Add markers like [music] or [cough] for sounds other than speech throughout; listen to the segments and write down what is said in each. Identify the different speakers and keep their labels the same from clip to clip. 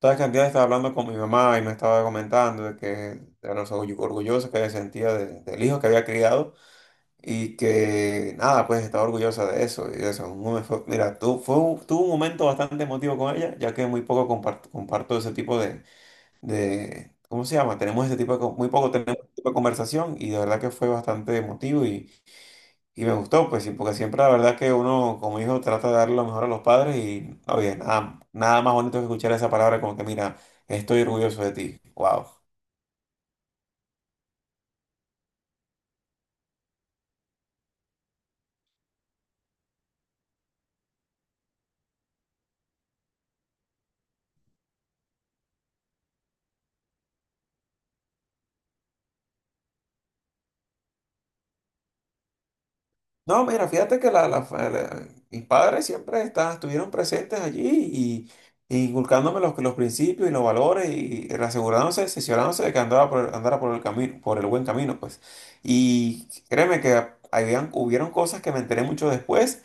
Speaker 1: Sabes que antes estaba hablando con mi mamá y me estaba comentando de que era orgullosa que se sentía del hijo que había criado y que nada, pues estaba orgullosa de eso. Y eso, mira, tu, tuve un momento bastante emotivo con ella, ya que muy poco comparto ese tipo de, ¿cómo se llama? Tenemos ese tipo de, muy poco tenemos ese tipo de conversación y de verdad que fue bastante emotivo y me gustó, pues sí, porque siempre la verdad que uno como hijo trata de dar lo mejor a los padres y, oye, nada, nada más bonito que escuchar esa palabra como que, mira, estoy orgulloso de ti. Wow. No, mira, fíjate que mis padres siempre estuvieron presentes allí y, inculcándome los principios y los valores y asegurándose, asesorándose de que andara por el camino, por el buen camino, pues. Y créeme que habían, hubieron cosas que me enteré mucho después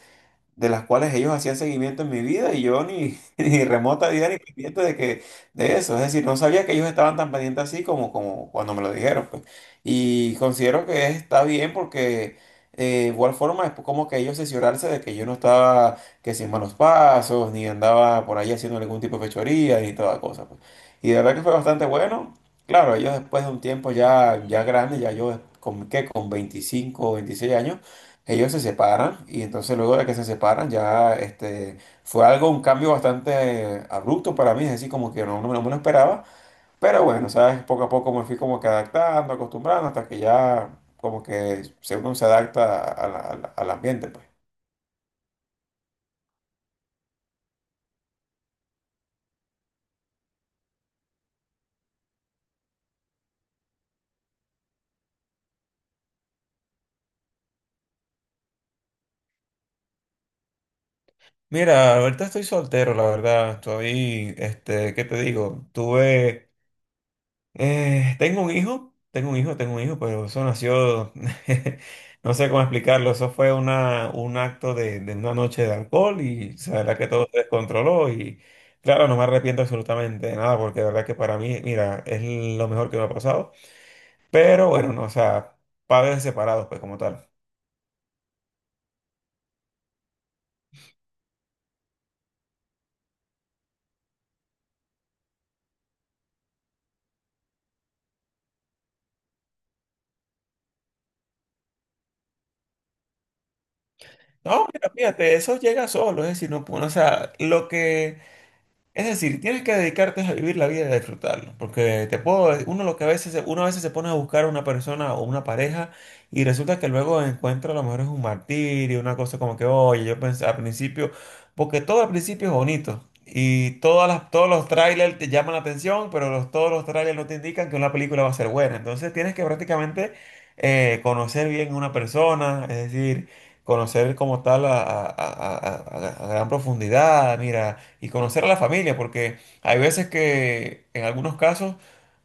Speaker 1: de las cuales ellos hacían seguimiento en mi vida y yo ni, [laughs] ni remota idea ni pendiente de que de eso. Es decir, no sabía que ellos estaban tan pendientes así como cuando me lo dijeron, pues. Y considero que está bien porque eh, de igual forma es como que ellos cerciorarse de que yo no estaba que sin malos pasos, ni andaba por ahí haciendo ningún tipo de fechoría, ni toda cosa, pues. Y de verdad que fue bastante bueno. Claro, ellos después de un tiempo ya, ya grande, ya yo con, ¿qué? Con 25 o 26 años ellos se separan y entonces luego de que se separan ya fue algo, un cambio bastante abrupto para mí, es decir, como que no, no, me no me lo esperaba, pero bueno, sabes, poco a poco me fui como que adaptando, acostumbrando, hasta que ya como que uno se adapta a al ambiente, pues. Mira, ahorita estoy soltero, la verdad. Estoy, ¿qué te digo? Tuve tengo un hijo, pero eso nació, [laughs] no sé cómo explicarlo, eso fue una, un acto de una noche de alcohol y o sea, la verdad que todo se descontroló y claro, no me arrepiento absolutamente de nada porque la verdad que para mí, mira, es lo mejor que me ha pasado, pero bueno, no, o sea, padres separados, pues como tal. No, mira, fíjate, eso llega solo, es decir, no, o sea, lo que... Es decir, tienes que dedicarte a vivir la vida y a disfrutarlo, porque te puedo, uno lo que a veces, uno a veces se pone a buscar a una persona o una pareja y resulta que luego encuentra a lo mejor es un martirio, una cosa como que, oye, yo pensé al principio, porque todo al principio es bonito y todas las, todos los trailers te llaman la atención, pero los, todos los trailers no te indican que una película va a ser buena, entonces tienes que prácticamente conocer bien a una persona, es decir, conocer como tal a a gran profundidad, mira y conocer a la familia, porque hay veces que en algunos casos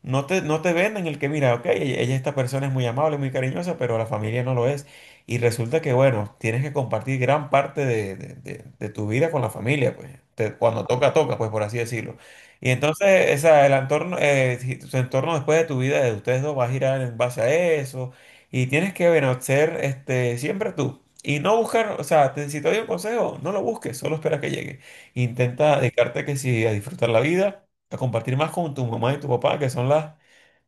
Speaker 1: no te venden el que, mira, ok, ella, esta persona es muy amable, muy cariñosa, pero la familia no lo es. Y resulta que, bueno, tienes que compartir gran parte de tu vida con la familia, pues. Cuando toca, toca, pues por así decirlo. Y entonces, esa, el entorno, su entorno después de tu vida, de ustedes dos, va a girar en base a eso. Y tienes que, bueno, ser siempre tú. Y no buscar, o sea, si te doy un consejo, no lo busques, solo espera que llegue. Intenta dedicarte que sí a disfrutar la vida, a compartir más con tu mamá y tu papá, que son las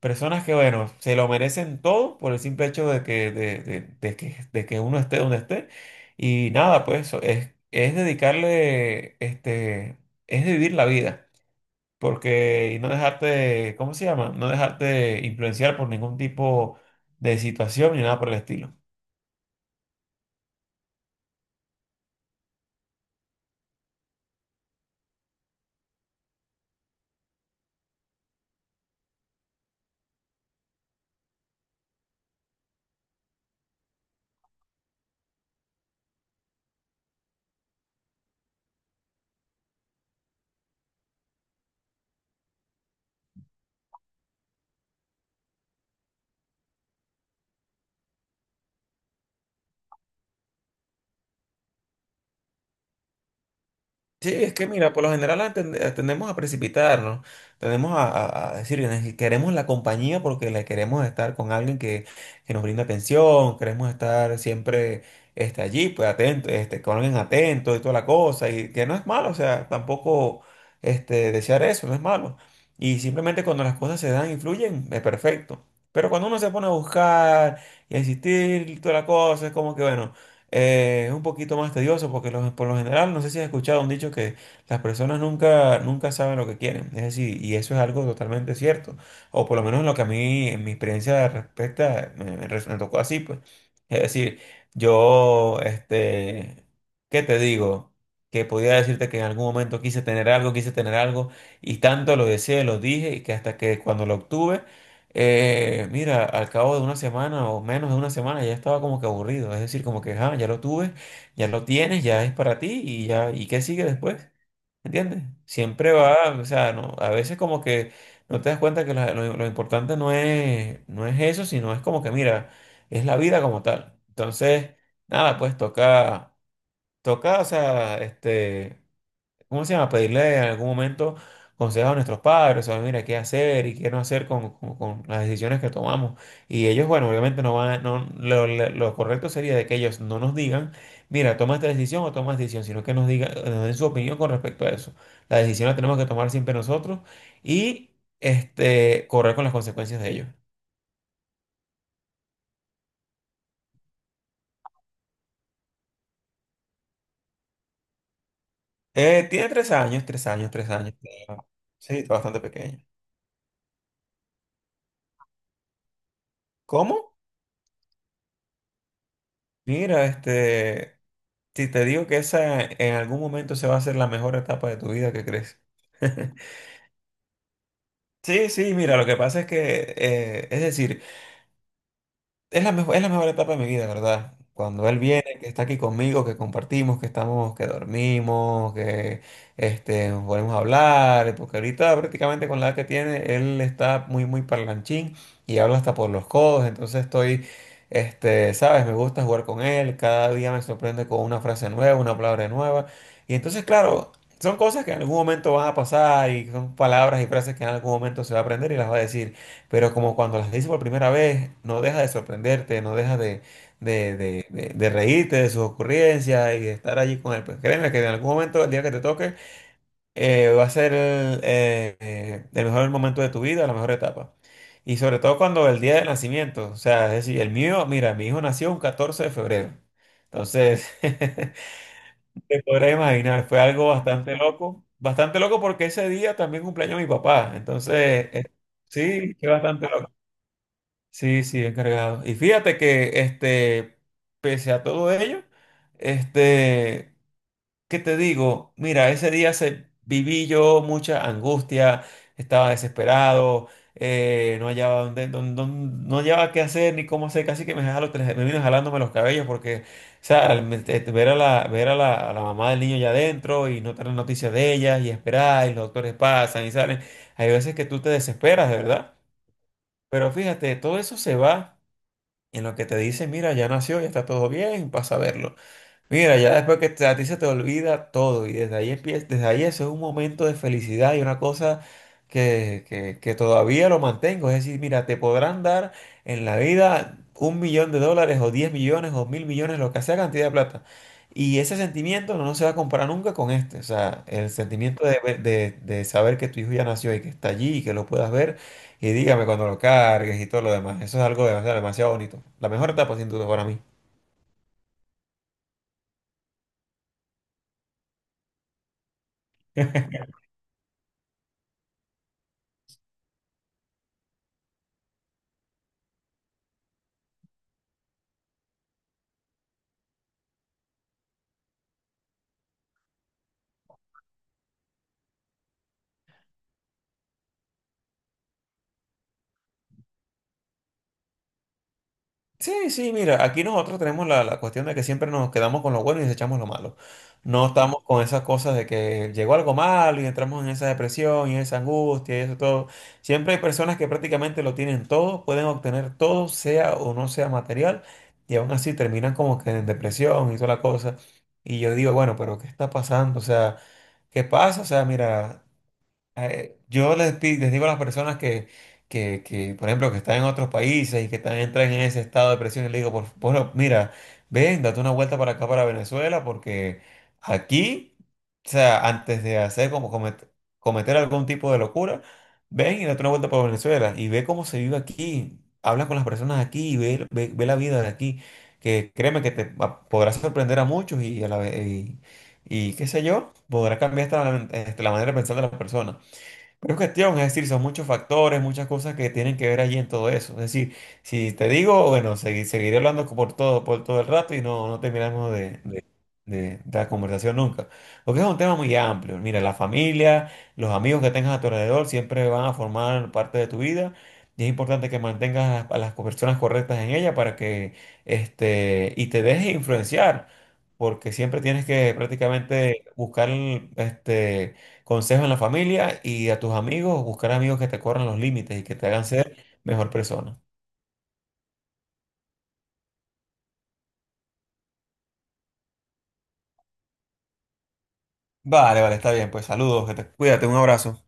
Speaker 1: personas que, bueno, se lo merecen todo por el simple hecho de que, de que, uno esté donde esté. Y nada, pues eso es dedicarle, es vivir la vida. Porque y no dejarte, ¿cómo se llama? No dejarte influenciar por ningún tipo de situación ni nada por el estilo. Sí, es que mira, por lo general tendemos a precipitarnos, tendemos a decir, Queremos la compañía porque le queremos estar con alguien que nos brinde atención, queremos estar siempre allí, pues atento, con alguien atento y toda la cosa, y que no es malo, o sea, tampoco desear eso, no es malo. Y simplemente cuando las cosas se dan y fluyen, es perfecto. Pero cuando uno se pone a buscar y a insistir y toda la cosa, es como que, bueno. Es un poquito más tedioso porque por lo general, no sé si has escuchado un dicho que las personas nunca, nunca saben lo que quieren. Es decir, y eso es algo totalmente cierto. O por lo menos lo que a mí, en mi experiencia respecta, me tocó así, pues. Es decir, yo, ¿qué te digo? Que podía decirte que en algún momento quise tener algo, y tanto lo deseé, lo dije, y que hasta que cuando lo obtuve, mira, al cabo de una semana o menos de una semana ya estaba como que aburrido, es decir, como que "Ah, ya lo tuve, ya lo tienes, ya es para ti y ya, ¿y qué sigue después? ¿Entiendes? Siempre va, o sea, no, a veces como que no te das cuenta que lo importante no es eso, sino es como que, mira, es la vida como tal. Entonces, nada, pues toca, toca, o sea, ¿cómo se llama? Pedirle en algún momento consejos a nuestros padres, o mira, qué hacer y qué no hacer con, con las decisiones que tomamos. Y ellos, bueno, obviamente no van, no, lo correcto sería de que ellos no nos digan, mira, toma esta decisión o toma esta decisión, sino que nos digan, nos den su opinión con respecto a eso. La decisión la tenemos que tomar siempre nosotros y correr con las consecuencias de ello. Tiene 3 años, 3 años, 3 años. Sí, está bastante pequeño. ¿Cómo? Mira. Si te digo que esa en algún momento se va a hacer la mejor etapa de tu vida, ¿qué crees? [laughs] Sí, sí, mira, lo que pasa es que, es decir, es la mejor etapa de mi vida, ¿verdad? Cuando él viene, que está aquí conmigo, que compartimos, que estamos, que dormimos, nos ponemos a hablar, porque ahorita prácticamente con la edad que tiene, él está muy, muy parlanchín y habla hasta por los codos, entonces estoy, sabes, me gusta jugar con él, cada día me sorprende con una frase nueva, una palabra nueva, y entonces, claro, son cosas que en algún momento van a pasar y son palabras y frases que en algún momento se va a aprender y las va a decir. Pero como cuando las dices por primera vez, no deja de sorprenderte, no deja de reírte de sus ocurrencias y de estar allí con él. Pues créeme que en algún momento, el día que te toque, va a ser el mejor momento de tu vida, la mejor etapa. Y sobre todo cuando el día de nacimiento, o sea, es decir, el mío, mira, mi hijo nació un 14 de febrero. Entonces, [laughs] te podrás imaginar, fue algo bastante loco porque ese día también cumpleaños mi papá. Entonces, eh, sí, fue bastante loco. Sí, sí, he cargado. Y fíjate que, pese a todo ello, este, ¿qué te digo? Mira, ese día viví yo mucha angustia, estaba desesperado, no hallaba no hallaba qué hacer ni cómo hacer, casi que me vino jalándome los cabellos porque, o sea, al me- te- te- ver a la, a la mamá del niño ya adentro y no tener noticias de ella y esperar y los doctores pasan y salen, hay veces que tú te desesperas, de verdad. Pero fíjate, todo eso se va. En lo que te dice, mira, ya nació, ya está todo bien, pasa a verlo. Mira, ya después que a ti se te olvida todo y desde ahí empieza, desde ahí eso es un momento de felicidad y una cosa que todavía lo mantengo. Es decir, mira, te podrán dar en la vida un millón de dólares o 10 millones o mil millones, lo que sea cantidad de plata. Y ese sentimiento no se va a comparar nunca con este. O sea, el sentimiento de saber que tu hijo ya nació y que está allí y que lo puedas ver y dígame cuando lo cargues y todo lo demás. Eso es algo demasiado, demasiado bonito. La mejor etapa sin duda para mí. Sí, sí, mira, aquí nosotros tenemos la cuestión de que siempre nos quedamos con lo bueno y desechamos lo malo. No estamos con esas cosas de que llegó algo malo y entramos en esa depresión y esa angustia y eso todo. Siempre hay personas que prácticamente lo tienen todo, pueden obtener todo, sea o no sea material, y aún así terminan como que en depresión y toda la cosa. Y yo digo, bueno, pero ¿qué está pasando? O sea, ¿qué pasa? O sea, mira. Yo les digo a las personas que, por ejemplo, que están en otros países y que están, entran en ese estado de presión, y les digo, bueno, mira, ven, date una vuelta para acá, para Venezuela, porque aquí, o sea, antes de hacer como cometer algún tipo de locura, ven y date una vuelta para Venezuela y ve cómo se vive aquí, habla con las personas aquí y ve, ve, ve la vida de aquí, que créeme que podrás sorprender a muchos y a la vez... y qué sé yo, podrá cambiar hasta la manera de pensar de las personas. Pero es cuestión, es decir, son muchos factores, muchas cosas que tienen que ver allí en todo eso. Es decir, si te digo, bueno, seguiré hablando por todo el rato y no terminamos de la conversación nunca. Porque es un tema muy amplio. Mira, la familia, los amigos que tengas a tu alrededor siempre van a formar parte de tu vida y es importante que mantengas a las personas correctas en ella para que, y te dejes influenciar. Porque siempre tienes que prácticamente buscar, este, consejo en la familia y a tus amigos, buscar amigos que te corran los límites y que te hagan ser mejor persona. Vale, vale, está bien, pues saludos, que cuídate, un abrazo.